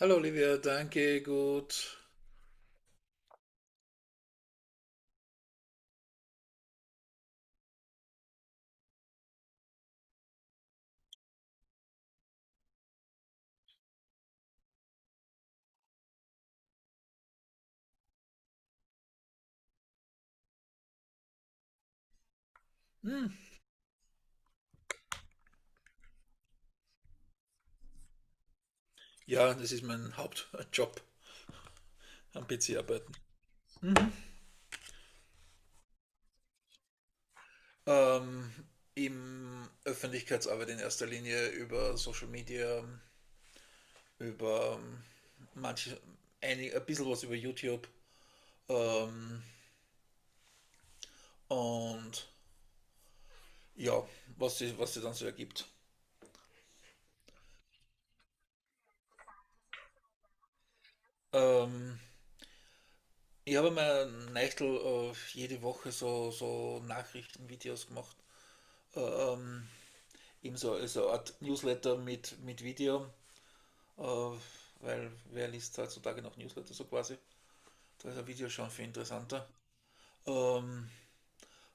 Hallo Olivia, danke, gut. Hm. Ja, das ist mein Hauptjob am PC arbeiten. Mhm. Ähm, Im Öffentlichkeitsarbeit in erster Linie über Social Media, über manche, ein bisschen was über YouTube ähm, und ja, was sie dann so ergibt. Ähm, ich habe mir Neichtel jede Woche so Nachrichtenvideos gemacht. Ähm, eben so eine Art Newsletter mit Video, äh, weil wer liest heutzutage noch Newsletter so quasi? Da ist ein Video schon viel interessanter. Ähm,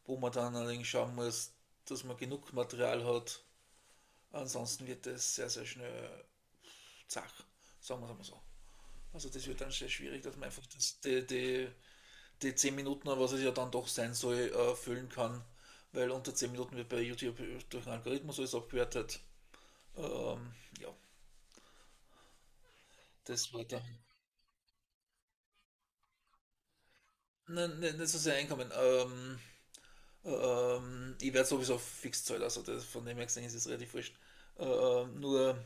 wo man dann allerdings schauen muss, dass man genug Material hat. Ansonsten wird das sehr, sehr schnell zach, sagen wir es mal so. Also das wird dann sehr schwierig, dass man einfach die 10 Minuten, was es ja dann doch sein soll, füllen kann. Weil unter 10 Minuten wird bei YouTube durch einen Algorithmus alles abgewertet. Ja, das war dann. Nein, nein, nicht so sehr Einkommen. Ich werde sowieso fix zahlen, also das, von dem her gesehen ist es relativ wurscht. Nur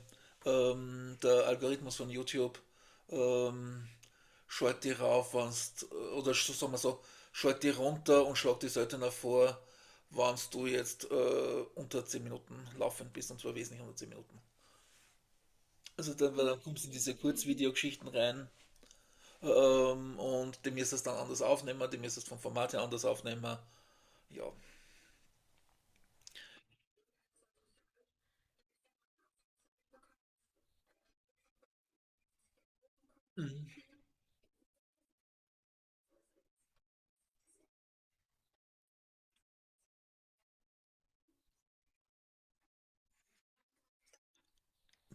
der Algorithmus von YouTube ähm, schaut die rauf, wenn's, oder so sagen wir so, schaut die runter und schlägt die seltener vor, wenn du jetzt unter 10 Minuten laufend bist, und zwar wesentlich unter 10 Minuten. Also dann, weil dann kommst du in diese Kurzvideogeschichten rein, und die müsstest du dann anders aufnehmen, die müsstest vom Format her anders aufnehmen. Ja. Mhm.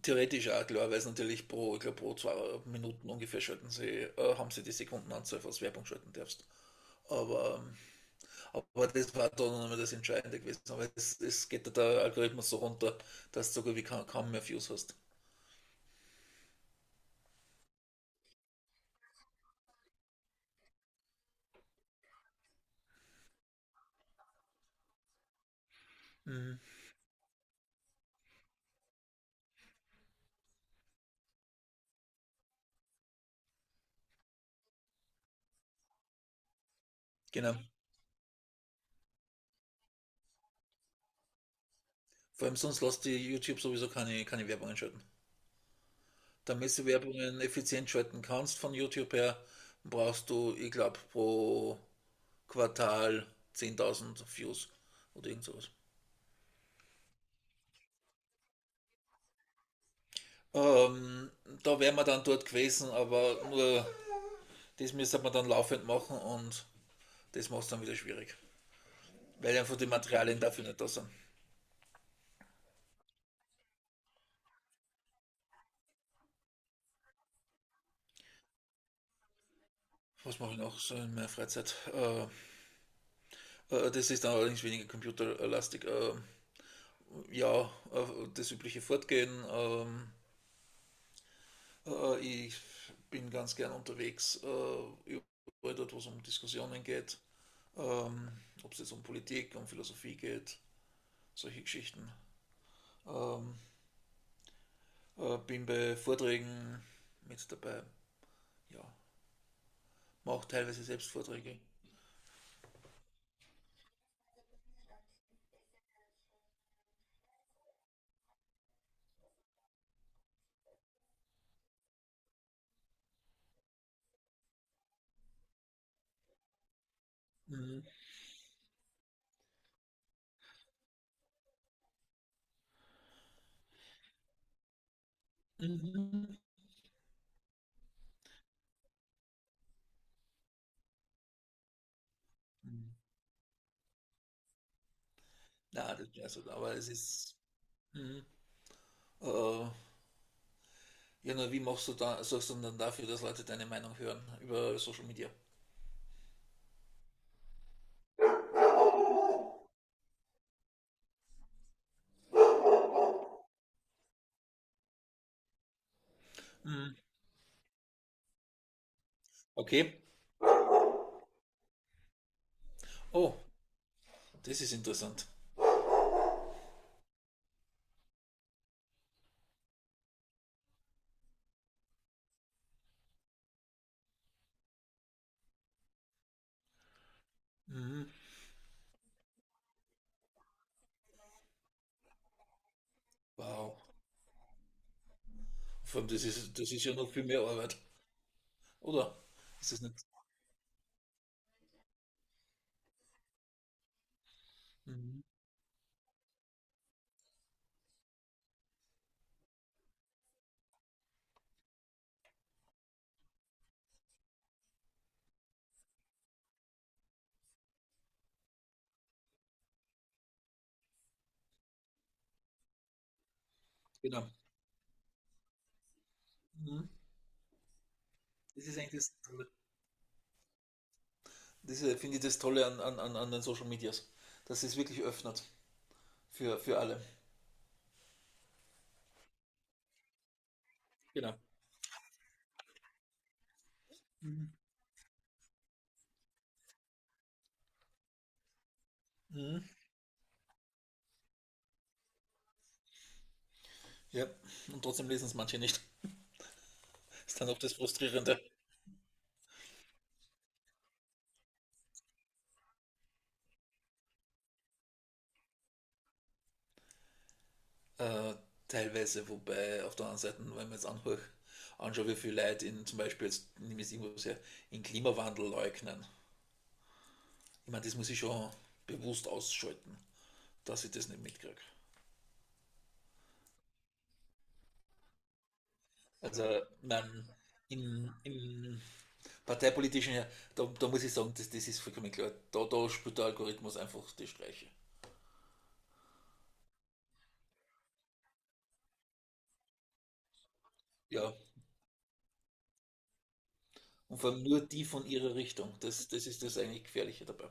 Theoretisch auch klar, weil es natürlich pro, ich glaub, pro 2 Minuten ungefähr schalten sie, haben sie die Sekundenanzahl, was Werbung schalten darfst. Aber, ähm, aber das war dann noch das Entscheidende gewesen. Aber es geht da der Algorithmus so runter, dass du sogar wie kaum, kaum mehr Views hast. Mhm. Genau. Vor allem sonst lässt die YouTube sowieso keine Werbung einschalten. Damit du Werbungen effizient schalten kannst von YouTube her, brauchst du, ich glaube, pro Quartal 10.000 Views oder irgend sowas. Ähm, da wären wir dann dort gewesen, aber nur das müsste man dann laufend machen und das macht es dann wieder schwierig, weil einfach die Materialien dafür nicht da sind. Was mache ich noch so in meiner Freizeit? Das ist dann allerdings weniger computerlastig. Ja, das übliche Fortgehen. Ich bin ganz gern unterwegs, überall dort, wo es um Diskussionen geht. Ähm, Ob es jetzt um Politik, um Philosophie geht, solche Geschichten. Ähm, bin bei Vorträgen mit dabei. Ja, mache auch teilweise selbst Vorträge. Mhm. Mhm. Mhm. Na, das wäre so, aber es ist. Mhm. Äh, ja, nur wie machst du da, sorgst du dann dafür, dass Leute deine Meinung hören über Social Media? Mhm. Okay. Oh, das ist interessant. Mhm. Wow. Vor allem, das ist ja noch viel mehr Arbeit, oder? Ist das nicht? Mhm. Genau. Mhm. Das ist eigentlich das Tolle. Das ist, finde ich, das Tolle an den Social Medias, dass es wirklich öffnet. Für alle. Genau. Mhm. Ja, und trotzdem lesen es manche nicht. Das ist dann auch das Frustrierende. Äh, teilweise, wobei auf der anderen Seite, wenn man jetzt anhört, anschaue, wie viele Leute in zum Beispiel, jetzt nehme ich es irgendwo sehr, in Klimawandel leugnen. Ich meine, das muss ich schon bewusst ausschalten, dass ich das nicht mitkriege. Also, im parteipolitischen, da muss ich sagen, das ist vollkommen klar. Da spielt der Algorithmus einfach die Streiche. Ja, und vor allem nur die von ihrer Richtung. Das ist das eigentlich Gefährliche dabei.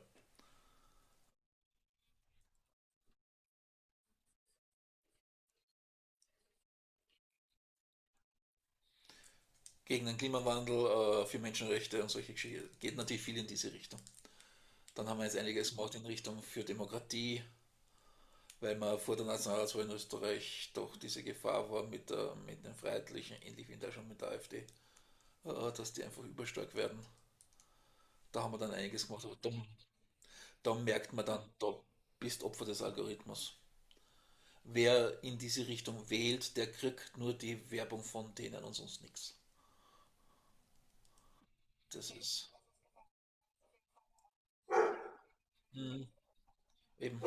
Gegen den Klimawandel, für Menschenrechte und solche Geschichten geht natürlich viel in diese Richtung. Dann haben wir jetzt einiges gemacht in Richtung für Demokratie, weil man vor der Nationalratswahl in Österreich doch diese Gefahr war mit den Freiheitlichen, ähnlich wie da schon mit der AfD, dass die einfach überstark werden. Da haben wir dann einiges gemacht, aber da merkt man dann, da bist Opfer des Algorithmus. Wer in diese Richtung wählt, der kriegt nur die Werbung von denen und sonst nichts. Das ist. Mhm, eben.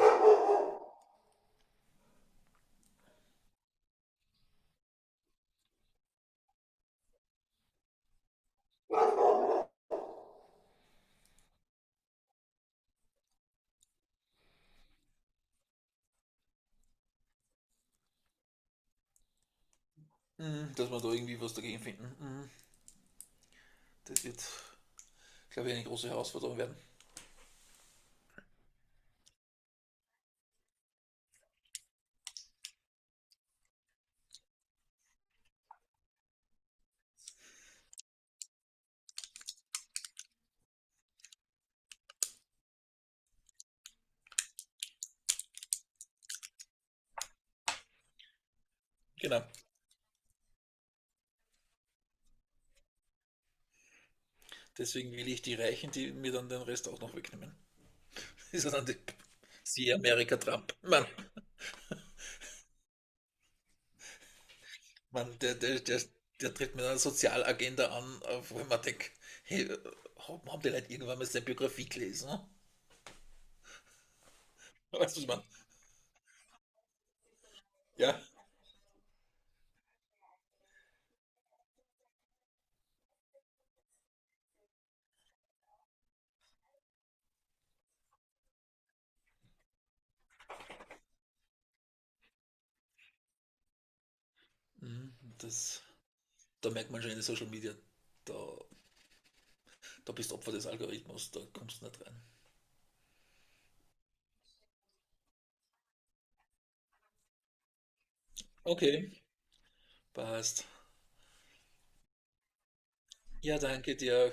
Mhm, dass wir da irgendwie was dagegen finden. Mhm, das wird, glaube ich, eine große Herausforderung werden. Genau. Deswegen will ich die Reichen, die mir dann den Rest auch noch wegnehmen. Das ist dann die, sie Amerika Trump. Mann, Mann, der tritt mit einer Sozialagenda an, auf wo man denkt, hey, haben die Leute irgendwann mal seine Biografie gelesen? Ne? Weißt du, was ich meine? Ja. Mhm, da merkt man schon in den Social Media, da, da bist du Opfer des Algorithmus, da kommst du nicht rein. Okay. Passt. Ja, danke dir auch.